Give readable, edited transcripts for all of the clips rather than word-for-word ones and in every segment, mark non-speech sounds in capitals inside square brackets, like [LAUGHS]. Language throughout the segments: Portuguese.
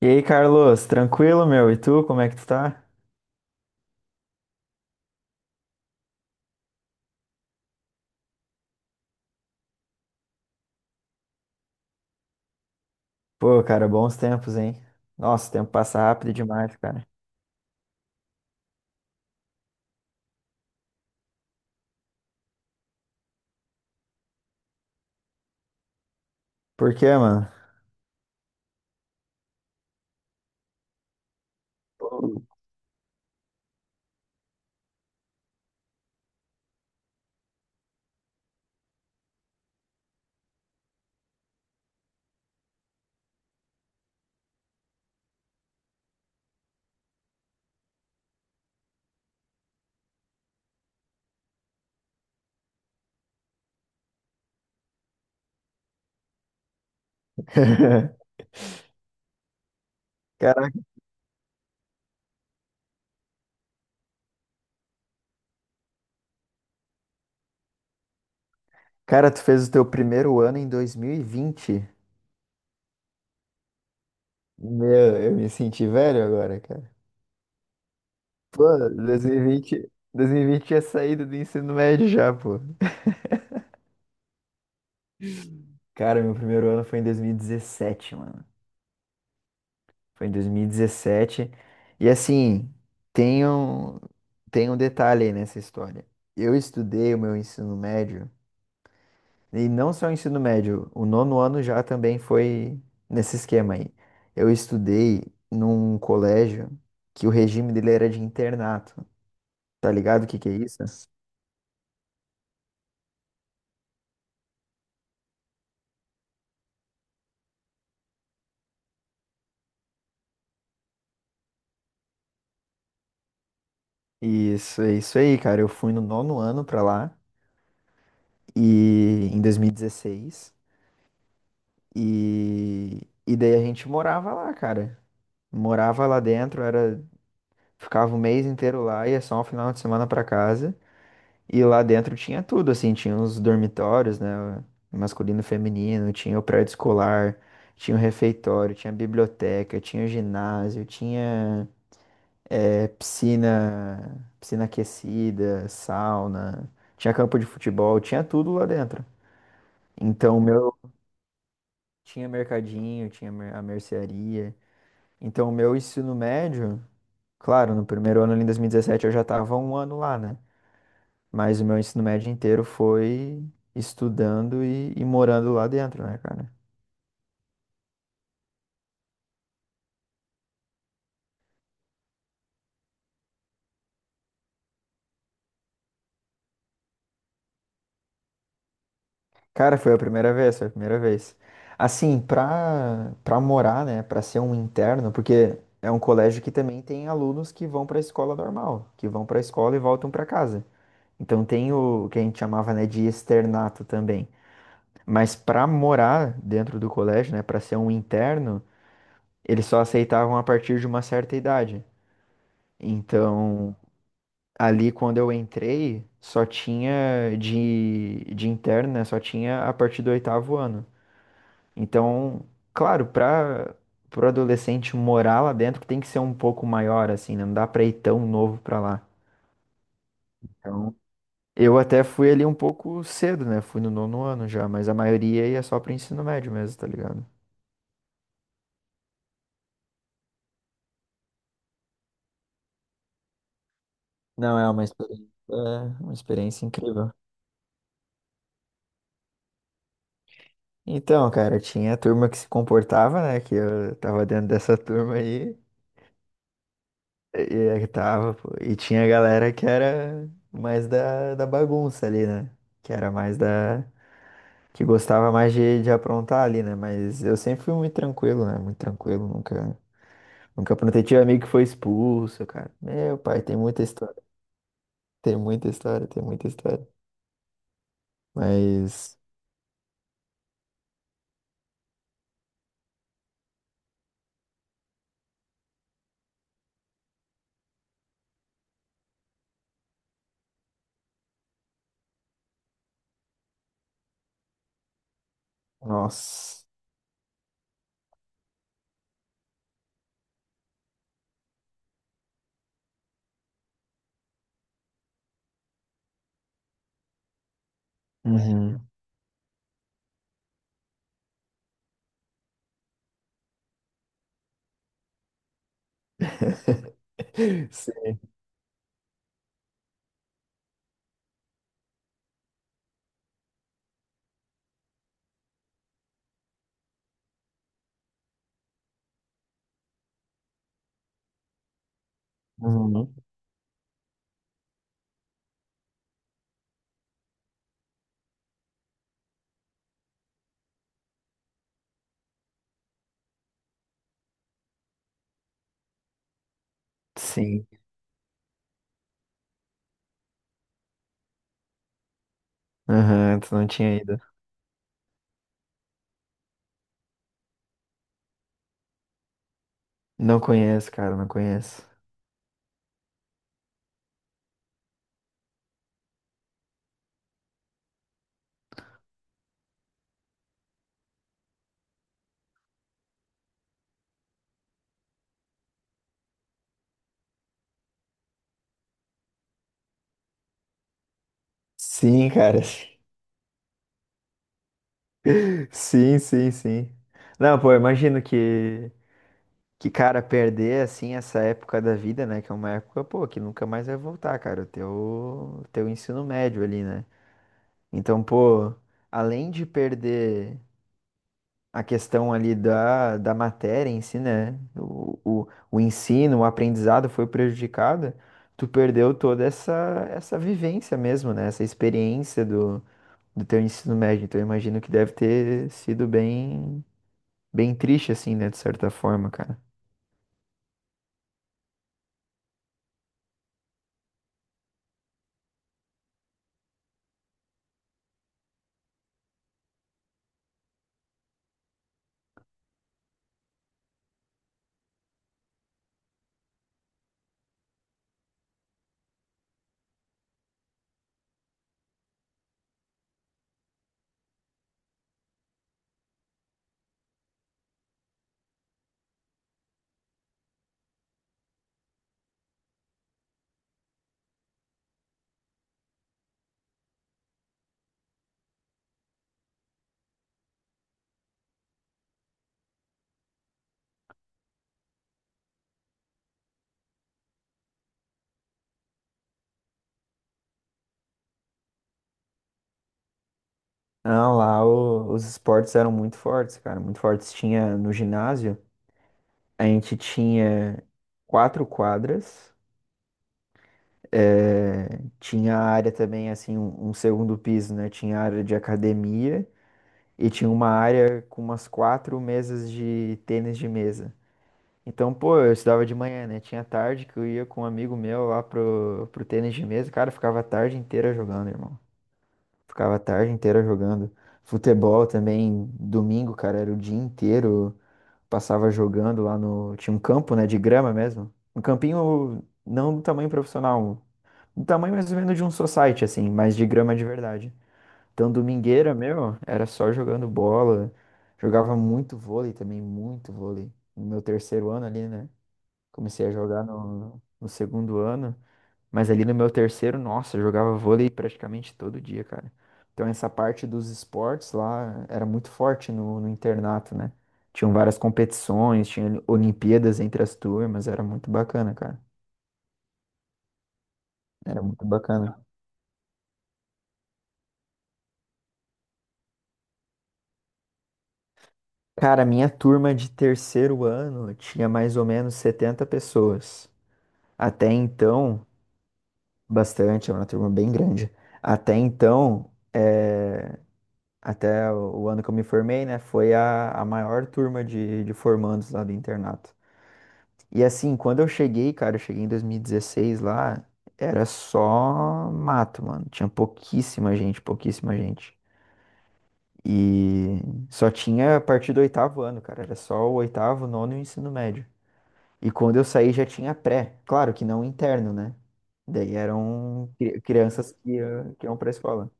E aí, Carlos, tranquilo, meu? E tu, como é que tu tá? Pô, cara, bons tempos, hein? Nossa, o tempo passa rápido demais, cara. Por quê, mano? Pô. [LAUGHS] Caraca, cara, tu fez o teu primeiro ano em 2020. Meu, eu me senti velho agora, cara. Pô, 2020, 2020 é saída do ensino médio já, pô. Cara, meu primeiro ano foi em 2017, mano. Foi em dois mil e dezessete e assim, tem um, tem um detalhe aí nessa história. Eu estudei o meu ensino médio, e não só o ensino médio, o nono ano já também foi nesse esquema aí. Eu estudei num colégio que o regime dele era de internato. Tá ligado o que que é isso? Isso, é isso aí, cara. Eu fui no nono ano pra lá e em 2016 e daí a gente morava lá, cara. Morava lá dentro, era ficava o mês inteiro lá, ia só um final de semana pra casa. E lá dentro tinha tudo, assim, tinha os dormitórios, né, masculino e feminino, tinha o prédio escolar, tinha o refeitório, tinha a biblioteca, tinha o ginásio, tinha piscina, piscina aquecida, sauna, tinha campo de futebol, tinha tudo lá dentro. Então, o meu tinha mercadinho, tinha a mercearia. Então, o meu ensino médio claro, no primeiro ano ali em 2017 eu já estava um ano lá, né? Mas o meu ensino médio inteiro foi estudando e morando lá dentro, né, cara? Cara, foi a primeira vez, foi a primeira vez. Assim, pra morar, né, pra ser um interno, porque é um colégio que também tem alunos que vão pra escola normal, que vão pra escola e voltam pra casa. Então tem o que a gente chamava, né, de externato também. Mas pra morar dentro do colégio, né, pra ser um interno, eles só aceitavam a partir de uma certa idade. Então, ali quando eu entrei, só tinha de interno, né? Só tinha a partir do oitavo ano. Então, claro, para o adolescente morar lá dentro tem que ser um pouco maior, assim, né? Não dá pra ir tão novo pra lá. Então, eu até fui ali um pouco cedo, né? Fui no nono ano já, mas a maioria ia só pro ensino médio mesmo, tá ligado? Não, é uma experiência incrível. Então, cara, tinha a turma que se comportava, né? Que eu tava dentro dessa turma aí. E é que tava, pô. E tinha a galera que era mais da bagunça ali, né? Que era mais da. Que gostava mais de aprontar ali, né? Mas eu sempre fui muito tranquilo, né? Muito tranquilo, nunca. Nunca aprontei. Tive amigo que foi expulso, cara. Meu pai, tem muita história. Tem muita história, tem muita história. Mas. Nossa. Uhum. [LAUGHS] Sim. Uhum. Sim. Aham, tu não tinha ido. Não conheço, cara, não conheço. Sim, cara. [LAUGHS] Sim, sim, sim. Não, pô, eu imagino que, cara, perder, assim, essa época da vida, né? Que é uma época, pô, que nunca mais vai voltar, cara. O teu ensino médio ali, né? Então, pô, além de perder a questão ali da matéria em si, né? O ensino, o aprendizado foi prejudicado. Tu perdeu toda essa vivência mesmo, né? Essa experiência do teu ensino médio. Então, eu imagino que deve ter sido bem. Bem triste, assim, né? De certa forma, cara. Não, lá os esportes eram muito fortes, cara, muito fortes. Tinha no ginásio, a gente tinha quatro quadras, eh, tinha a área também, assim, um segundo piso, né? Tinha a área de academia e tinha uma área com umas quatro mesas de tênis de mesa. Então, pô, eu estudava de manhã, né? Tinha tarde que eu ia com um amigo meu lá pro, pro, tênis de mesa, cara, eu ficava a tarde inteira jogando, irmão. Ficava a tarde inteira jogando. Futebol também, domingo, cara, era o dia inteiro. Passava jogando lá no. Tinha um campo, né, de grama mesmo. Um campinho não do tamanho profissional. Do tamanho mais ou menos de um society, assim, mas de grama de verdade. Então, domingueira, meu, era só jogando bola. Jogava muito vôlei também, muito vôlei. No meu terceiro ano ali, né? Comecei a jogar no segundo ano. Mas ali no meu terceiro, nossa, eu jogava vôlei praticamente todo dia, cara. Então essa parte dos esportes lá era muito forte no internato, né? Tinham várias competições, tinha Olimpíadas entre as turmas, era muito bacana, cara. Era muito bacana. Cara, a minha turma de terceiro ano tinha mais ou menos 70 pessoas. Até então, bastante, era uma turma bem grande. Até então, até o ano que eu me formei, né? Foi a maior turma de formandos lá do internato. E assim, quando eu cheguei, cara, eu cheguei em 2016 lá, era só mato, mano. Tinha pouquíssima gente, pouquíssima gente. E só tinha a partir do oitavo ano, cara. Era só o oitavo, nono e o ensino médio. E quando eu saí já tinha pré. Claro que não interno, né? Daí eram crianças que, que iam pra escola.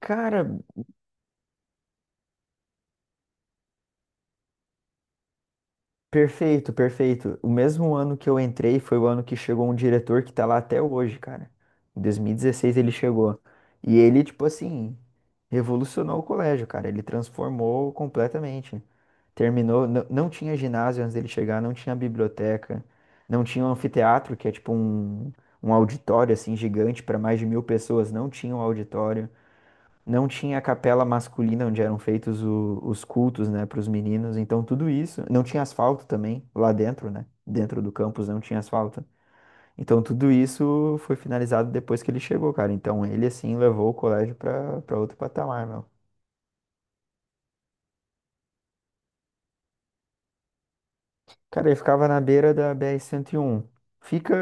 Cara, perfeito, perfeito. O mesmo ano que eu entrei foi o ano que chegou um diretor que tá lá até hoje, cara. Em 2016 ele chegou. E ele, tipo assim, revolucionou o colégio, cara. Ele transformou completamente. Terminou, não tinha ginásio antes dele chegar, não tinha biblioteca, não tinha um anfiteatro, que é tipo um auditório, assim, gigante para mais de mil pessoas. Não tinha um auditório. Não tinha a capela masculina onde eram feitos os cultos, né, para os meninos. Então tudo isso, não tinha asfalto também lá dentro, né? Dentro do campus não tinha asfalto. Então tudo isso foi finalizado depois que ele chegou, cara. Então ele assim levou o colégio para outro patamar, meu. Cara, ele ficava na beira da br um. Fica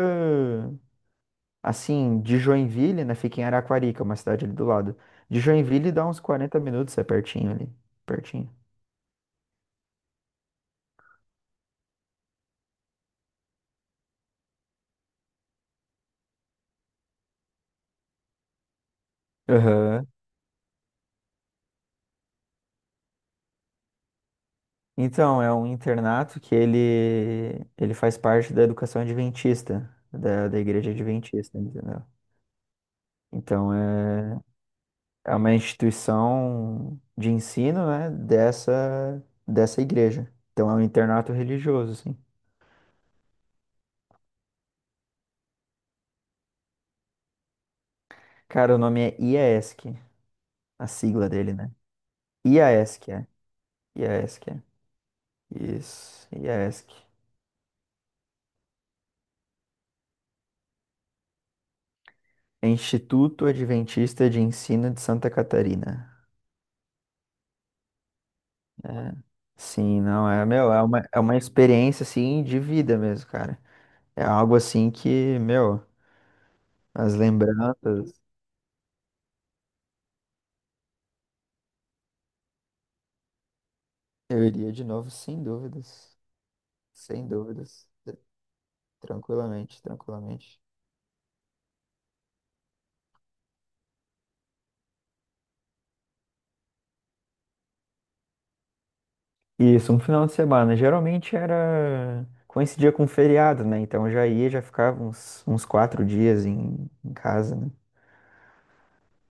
assim de Joinville, né? Fica em Araquarica, uma cidade ali do lado. De Joinville dá uns 40 minutos, é pertinho ali, pertinho. Aham. Então, é um internato que ele faz parte da educação adventista, da igreja adventista, entendeu? Então, é uma instituição de ensino, né, dessa igreja. Então, é um internato religioso, assim. Cara, o nome é IAESC, a sigla dele, né? IAESC, é. IAESC, é. Isso, IAESC. É Instituto Adventista de Ensino de Santa Catarina. É. Sim, não, é, meu, é uma experiência, assim, de vida mesmo, cara. É algo, assim, que, meu, as lembranças, eu iria de novo, sem dúvidas, sem dúvidas, tranquilamente, tranquilamente. Isso, um final de semana, geralmente era, coincidia com feriado, né, então eu já ia, já ficava uns 4 dias em casa, né.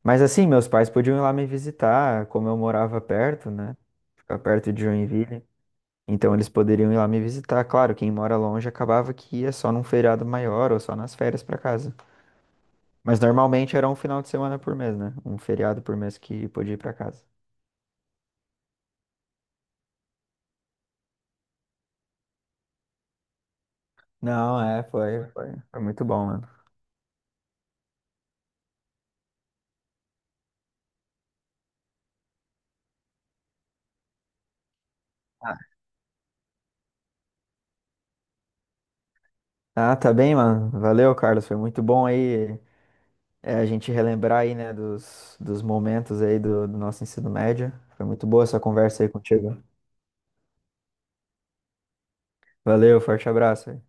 Mas, assim, meus pais podiam ir lá me visitar, como eu morava perto, né, ficar perto de Joinville. Então eles poderiam ir lá me visitar. Claro, quem mora longe acabava que ia só num feriado maior ou só nas férias pra casa. Mas normalmente era um final de semana por mês, né? Um feriado por mês que podia ir pra casa. Não, é, foi muito bom, mano. Ah, Ah, tá bem, mano. Valeu, Carlos. Foi muito bom aí a gente relembrar aí, né, dos momentos aí do nosso ensino médio. Foi muito boa essa conversa aí contigo. Valeu, forte abraço.